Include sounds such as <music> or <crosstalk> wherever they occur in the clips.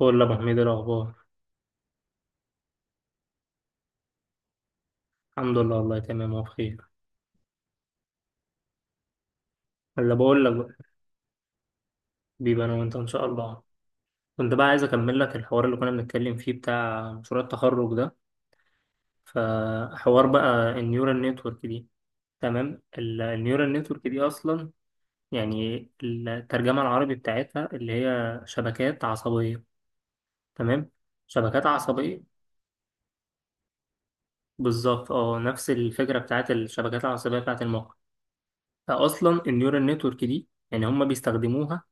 بقول لك ابو حميد إيه الاخبار. الحمد لله والله تمام وبخير. اللي بقول لك بقى، بيبقى انا وانت ان شاء الله. كنت بقى عايز اكمل لك الحوار اللي كنا بنتكلم فيه بتاع مشروع التخرج ده. فحوار بقى النيورال نتورك دي. تمام، النيورال نتورك دي اصلا يعني الترجمه العربي بتاعتها اللي هي شبكات عصبيه. تمام، شبكات عصبيه. بالظبط، اه، نفس الفكره بتاعت الشبكات العصبيه بتاعت المخ. فاصلا النيورال نتورك دي يعني هم بيستخدموها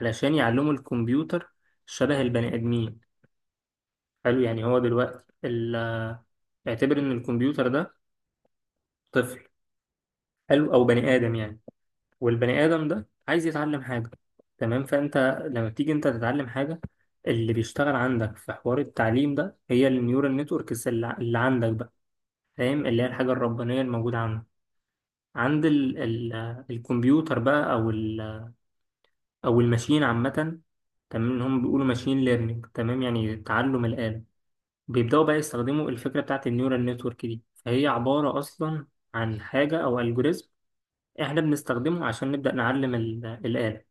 علشان يعلموا الكمبيوتر شبه البني آدمين. حلو، يعني هو دلوقتي اعتبر إن الكمبيوتر ده طفل حلو، أو بني آدم يعني. والبني آدم ده عايز يتعلم حاجة، تمام؟ فأنت لما بتيجي أنت تتعلم حاجة، اللي بيشتغل عندك في حوار التعليم ده هي النيورال نتوركس اللي عندك بقى، فاهم؟ اللي هي الحاجة الربانية الموجودة عندك عند ال الكمبيوتر بقى، أو ال- أو الماشين عامة. تمام، اللي هم بيقولوا ماشين ليرنينج، تمام، يعني تعلم الآلة. بيبدأوا بقى يستخدموا الفكرة بتاعت النيورال نتورك دي، فهي عبارة أصلا عن حاجة أو ألجوريزم إحنا بنستخدمه عشان نبدأ نعلم الآلة.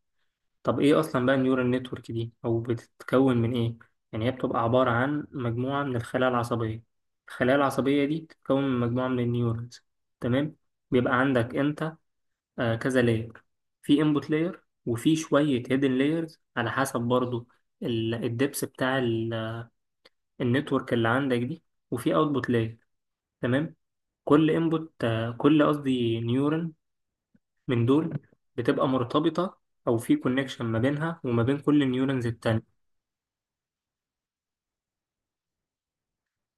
طب إيه أصلا بقى النيورال نتورك دي أو بتتكون من إيه؟ يعني هي بتبقى عبارة عن مجموعة من الخلايا العصبية. الخلايا العصبية دي بتتكون من مجموعة من النيورونز، تمام؟ بيبقى عندك أنت كذا لاير. في انبوت لاير، وفي شوية هيدن لايرز على حسب برضو الدبس بتاع النتورك اللي عندك دي، وفي اوتبوت لاير. تمام، كل انبوت، كل قصدي نيورون من دول بتبقى مرتبطة او في كونكشن ما بينها وما بين كل النيورونز التانية.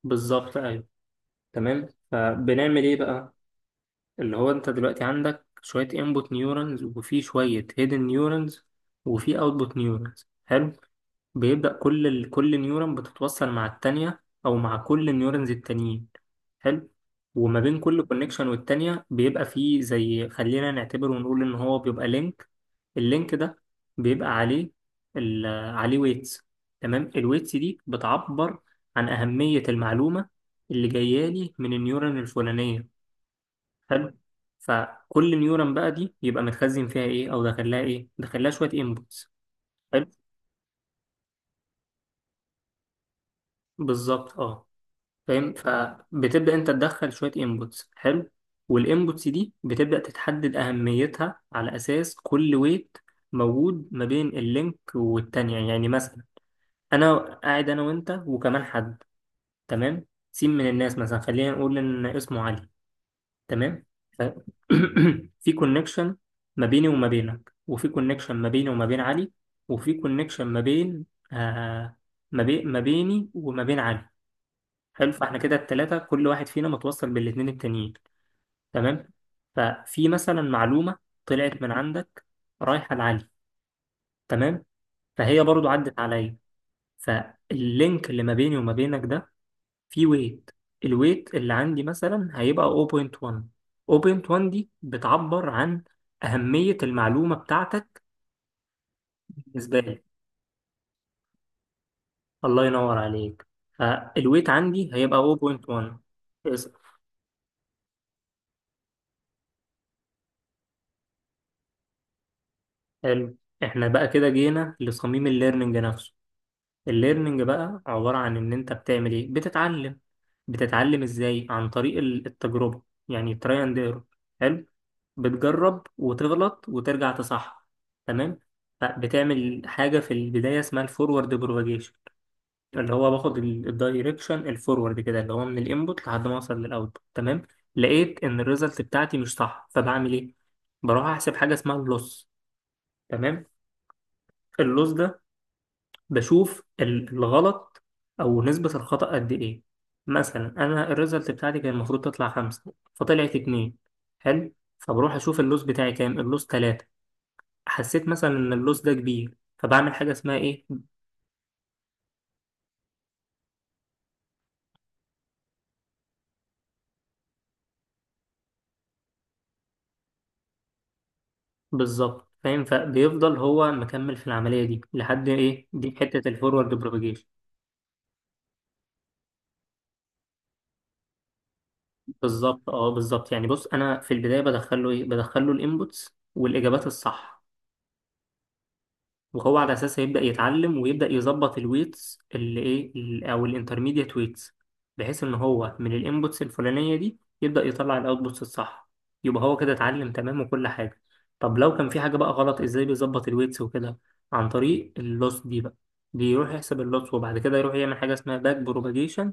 بالظبط، ايوه. تمام، فبنعمل ايه بقى؟ اللي هو انت دلوقتي عندك شوية انبوت نيورونز وفي شوية هيدن نيورونز وفي اوتبوت نيورونز. حلو. بيبدأ كل نيورون بتتوصل مع التانية أو مع كل النيورونز التانيين. حلو، وما بين كل كونكشن والتانية بيبقى فيه زي، خلينا نعتبر ونقول إن هو بيبقى لينك. اللينك ده بيبقى عليه ال... عليه ويتس. تمام، الويتس دي بتعبر عن أهمية المعلومة اللي جاية لي من النيورون الفلانية. حلو، فكل نيورون بقى دي يبقى متخزن فيها إيه، أو داخلها إيه؟ داخلها شوية إنبوتس. حلو، بالظبط، اه. فاهم، فبتبدأ انت تدخل شوية انبوتس. حلو، والانبوتس دي بتبدأ تتحدد أهميتها على أساس كل ويت موجود ما بين اللينك والتانية. يعني مثلا، أنا قاعد أنا وأنت وكمان حد، تمام، سين من الناس، مثلا خلينا نقول إن اسمه علي، تمام. ف... <clears throat> في كونكشن ما بيني وما بينك، وفي كونكشن ما بيني وما بين علي، وفي كونكشن ما بين، آه ما بين، ما بيني وما بين علي. حلو، فاحنا كده التلاتة كل واحد فينا متوصل بالاتنين التانيين، تمام. ففي مثلا معلومة طلعت من عندك رايحة لعلي، تمام، فهي برضو عدت عليا. فاللينك اللي ما بيني وما بينك ده فيه ويت. الويت اللي عندي مثلا هيبقى 0.1. 0.1 دي بتعبر عن أهمية المعلومة بتاعتك بالنسبة لي. الله ينور عليك. فالويت عندي هيبقى 0.1. اسأل. حلو، احنا بقى كده جينا لصميم الليرنينج نفسه. الليرنينج بقى عبارة عن إن أنت بتعمل إيه؟ بتتعلم. بتتعلم إزاي؟ عن طريق التجربة، يعني تراي أند إيرور. حلو؟ بتجرب وتغلط وترجع تصحح، تمام؟ فبتعمل حاجة في البداية اسمها الفورورد بروباجيشن، اللي هو باخد الدايركشن الفورورد كده، اللي هو من الانبوت لحد ما اوصل للاوتبوت. تمام، لقيت ان الريزلت بتاعتي مش صح، فبعمل ايه؟ بروح احسب حاجه اسمها اللوس. تمام، اللوس ده بشوف الغلط او نسبة الخطأ قد ايه. مثلا انا الريزلت بتاعتي كان المفروض تطلع خمسة فطلعت اتنين. حلو، فبروح اشوف اللوس بتاعي كام. اللوس تلاتة. حسيت مثلا ان اللوس ده كبير، فبعمل حاجة اسمها ايه. بالظبط. فاهم، فبيفضل هو مكمل في العملية دي لحد ايه؟ دي حتة الفورورد بروباجيشن. بالظبط، اه، بالظبط. يعني بص انا في البداية بدخله ايه؟ بدخله الانبوتس والاجابات الصح، وهو على اساسها يبدا يتعلم ويبدا يظبط الويتس اللي ايه، ال- او الانترميديت ويتس، بحيث ان هو من الانبوتس الفلانيه دي يبدا يطلع الاوتبوتس الصح. يبقى هو كده اتعلم تمام وكل حاجه. طب لو كان في حاجه بقى غلط، ازاي بيظبط الويتس وكده؟ عن طريق اللوس دي بقى. بيروح يحسب اللوس وبعد كده يروح يعمل حاجه اسمها باك بروباجيشن.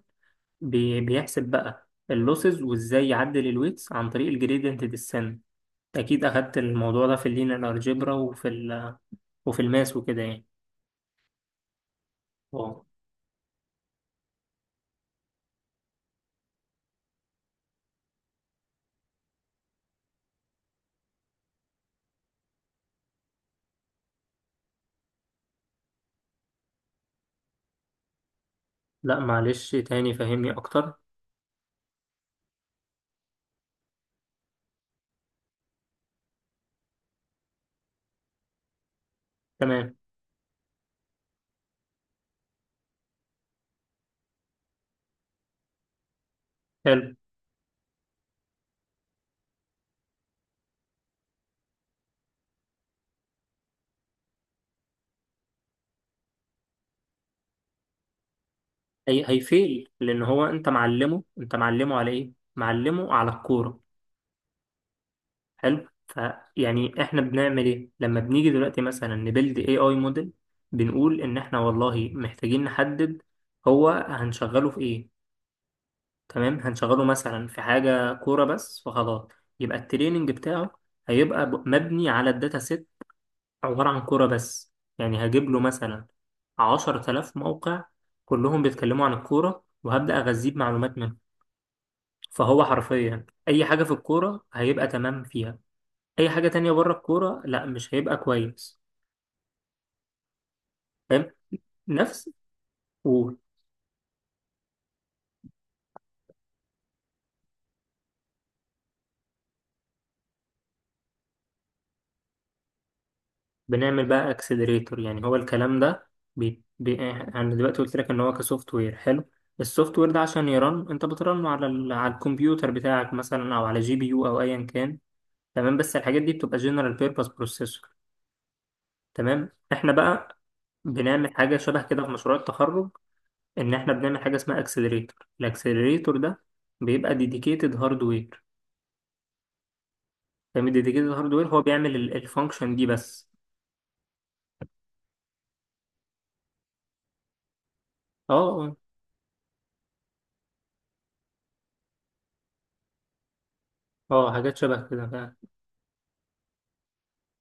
بيحسب بقى اللوسز وازاي يعدل الويتس عن طريق الجريدينت ديسنت. اكيد اخدت الموضوع ده في اللينير الجبرا وفي ال- وفي الماس وكده يعني. اه. لا معلش، تاني فهمني اكتر. تمام. حلو، هي هيفيل لان هو انت معلمه، انت معلمه على ايه؟ معلمه على الكوره. حلو، فيعني احنا بنعمل ايه لما بنيجي دلوقتي مثلا نبلد اي اي موديل؟ بنقول ان احنا والله محتاجين نحدد هو هنشغله في ايه. تمام، هنشغله مثلا في حاجه كوره بس فخلاص. يبقى التريننج بتاعه هيبقى ب- مبني على الداتا سيت عبارة عن كورة بس. يعني هجيب له مثلا 10 آلاف موقع كلهم بيتكلموا عن الكورة، وهبدأ أغذيه بمعلومات منهم. فهو حرفيا أي حاجة في الكورة هيبقى تمام فيها. أي حاجة تانية بره الكورة لا مش هيبقى كويس. فاهم. نفس. وبنعمل بقى اكسلريتور، يعني هو الكلام ده أنا دلوقتي قلت لك إن هو كسوفت وير. حلو، السوفت وير ده عشان يرن أنت بترن على على الكمبيوتر بتاعك مثلا، أو على جي بي يو أو أيا كان. تمام، بس الحاجات دي بتبقى جنرال بيربز بروسيسور. تمام، احنا بقى بنعمل حاجه شبه كده في مشروع التخرج، ان احنا بنعمل حاجه اسمها اكسلريتور. الاكسلريتور ده بيبقى ديديكيتد هاردوير. فاهم، ديديكيتد هاردوير هو بيعمل الفانكشن دي بس. اه، اه. آه، حاجات شبه كده فعلا.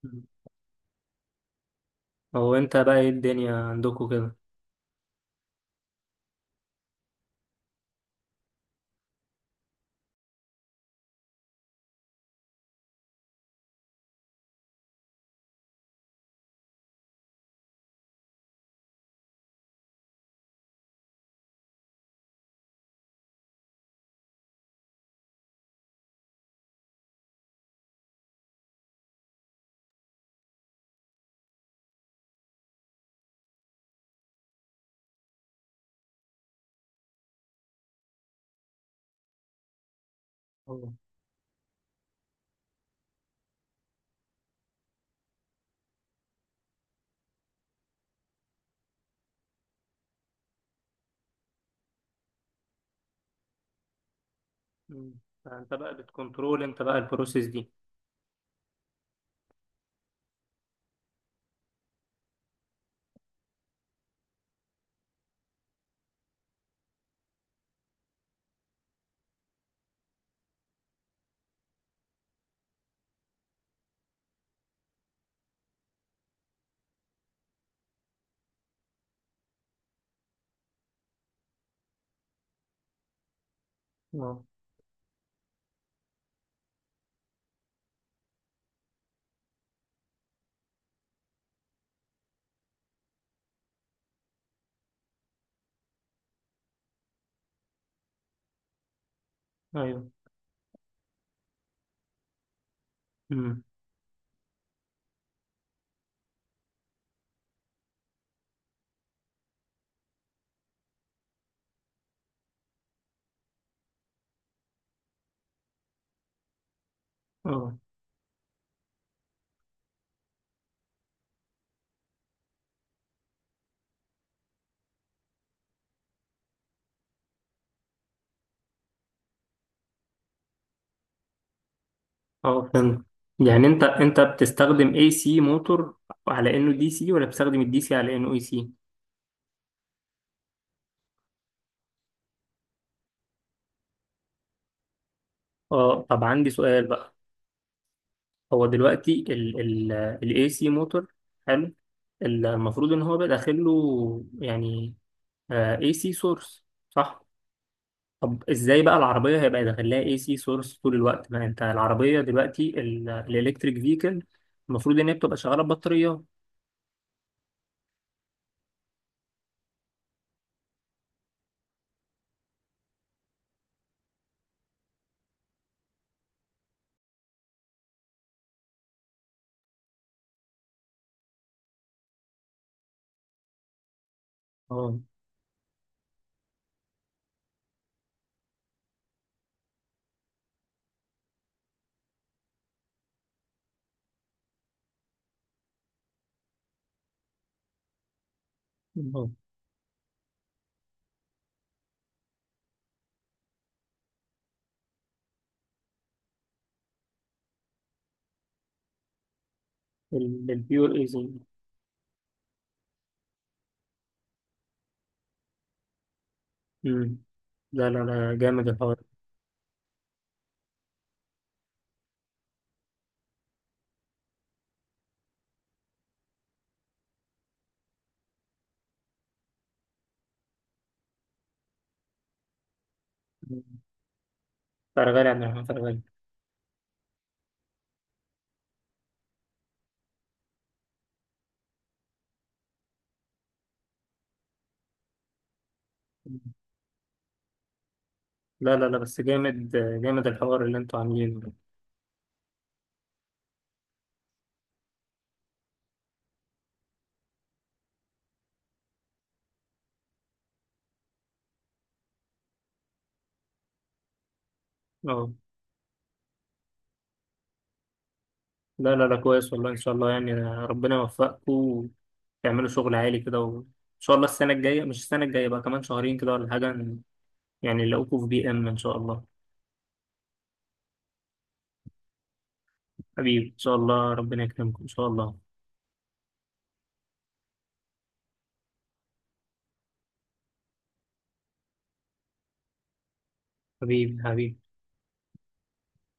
مم. هو انت بقى ايه الدنيا عندكم كده؟ اه. مم. فانت بقى بتكنترول انت بقى البروسيس دي. اه، ايوه. مم. اه، اه، فهمت. يعني انت بتستخدم اي سي موتور على انه دي سي، ولا بتستخدم الدي سي على انه اي سي؟ اه، طب عندي سؤال بقى. هو دلوقتي ال AC موتور، حلو، المفروض ان هو بقى داخل له يعني آه AC سورس، صح؟ طب ازاي بقى العربية هيبقى داخل لها AC سورس طول الوقت ما انت العربية دلوقتي الالكتريك فيكل المفروض ان هي بتبقى شغالة ببطاريات؟ اه. اه. البيور AC. امم. لا لا لا، جامد الحوار. مم. فرغالي، عن فرغالي. مم. لا لا لا، بس جامد. جامد الحوار اللي انتوا عاملينه ده. اه. لا لا لا، كويس والله ان شاء الله، يعني ربنا يوفقكم وتعملوا شغل عالي كده، وان شاء الله السنه الجايه، مش السنه الجايه بقى، كمان شهرين كده ولا حاجه، يعني نلاقوكم في بي ام ان شاء الله. حبيبي، ان شاء الله ربنا يكرمكم ان شاء الله. حبيبي، حبيبي.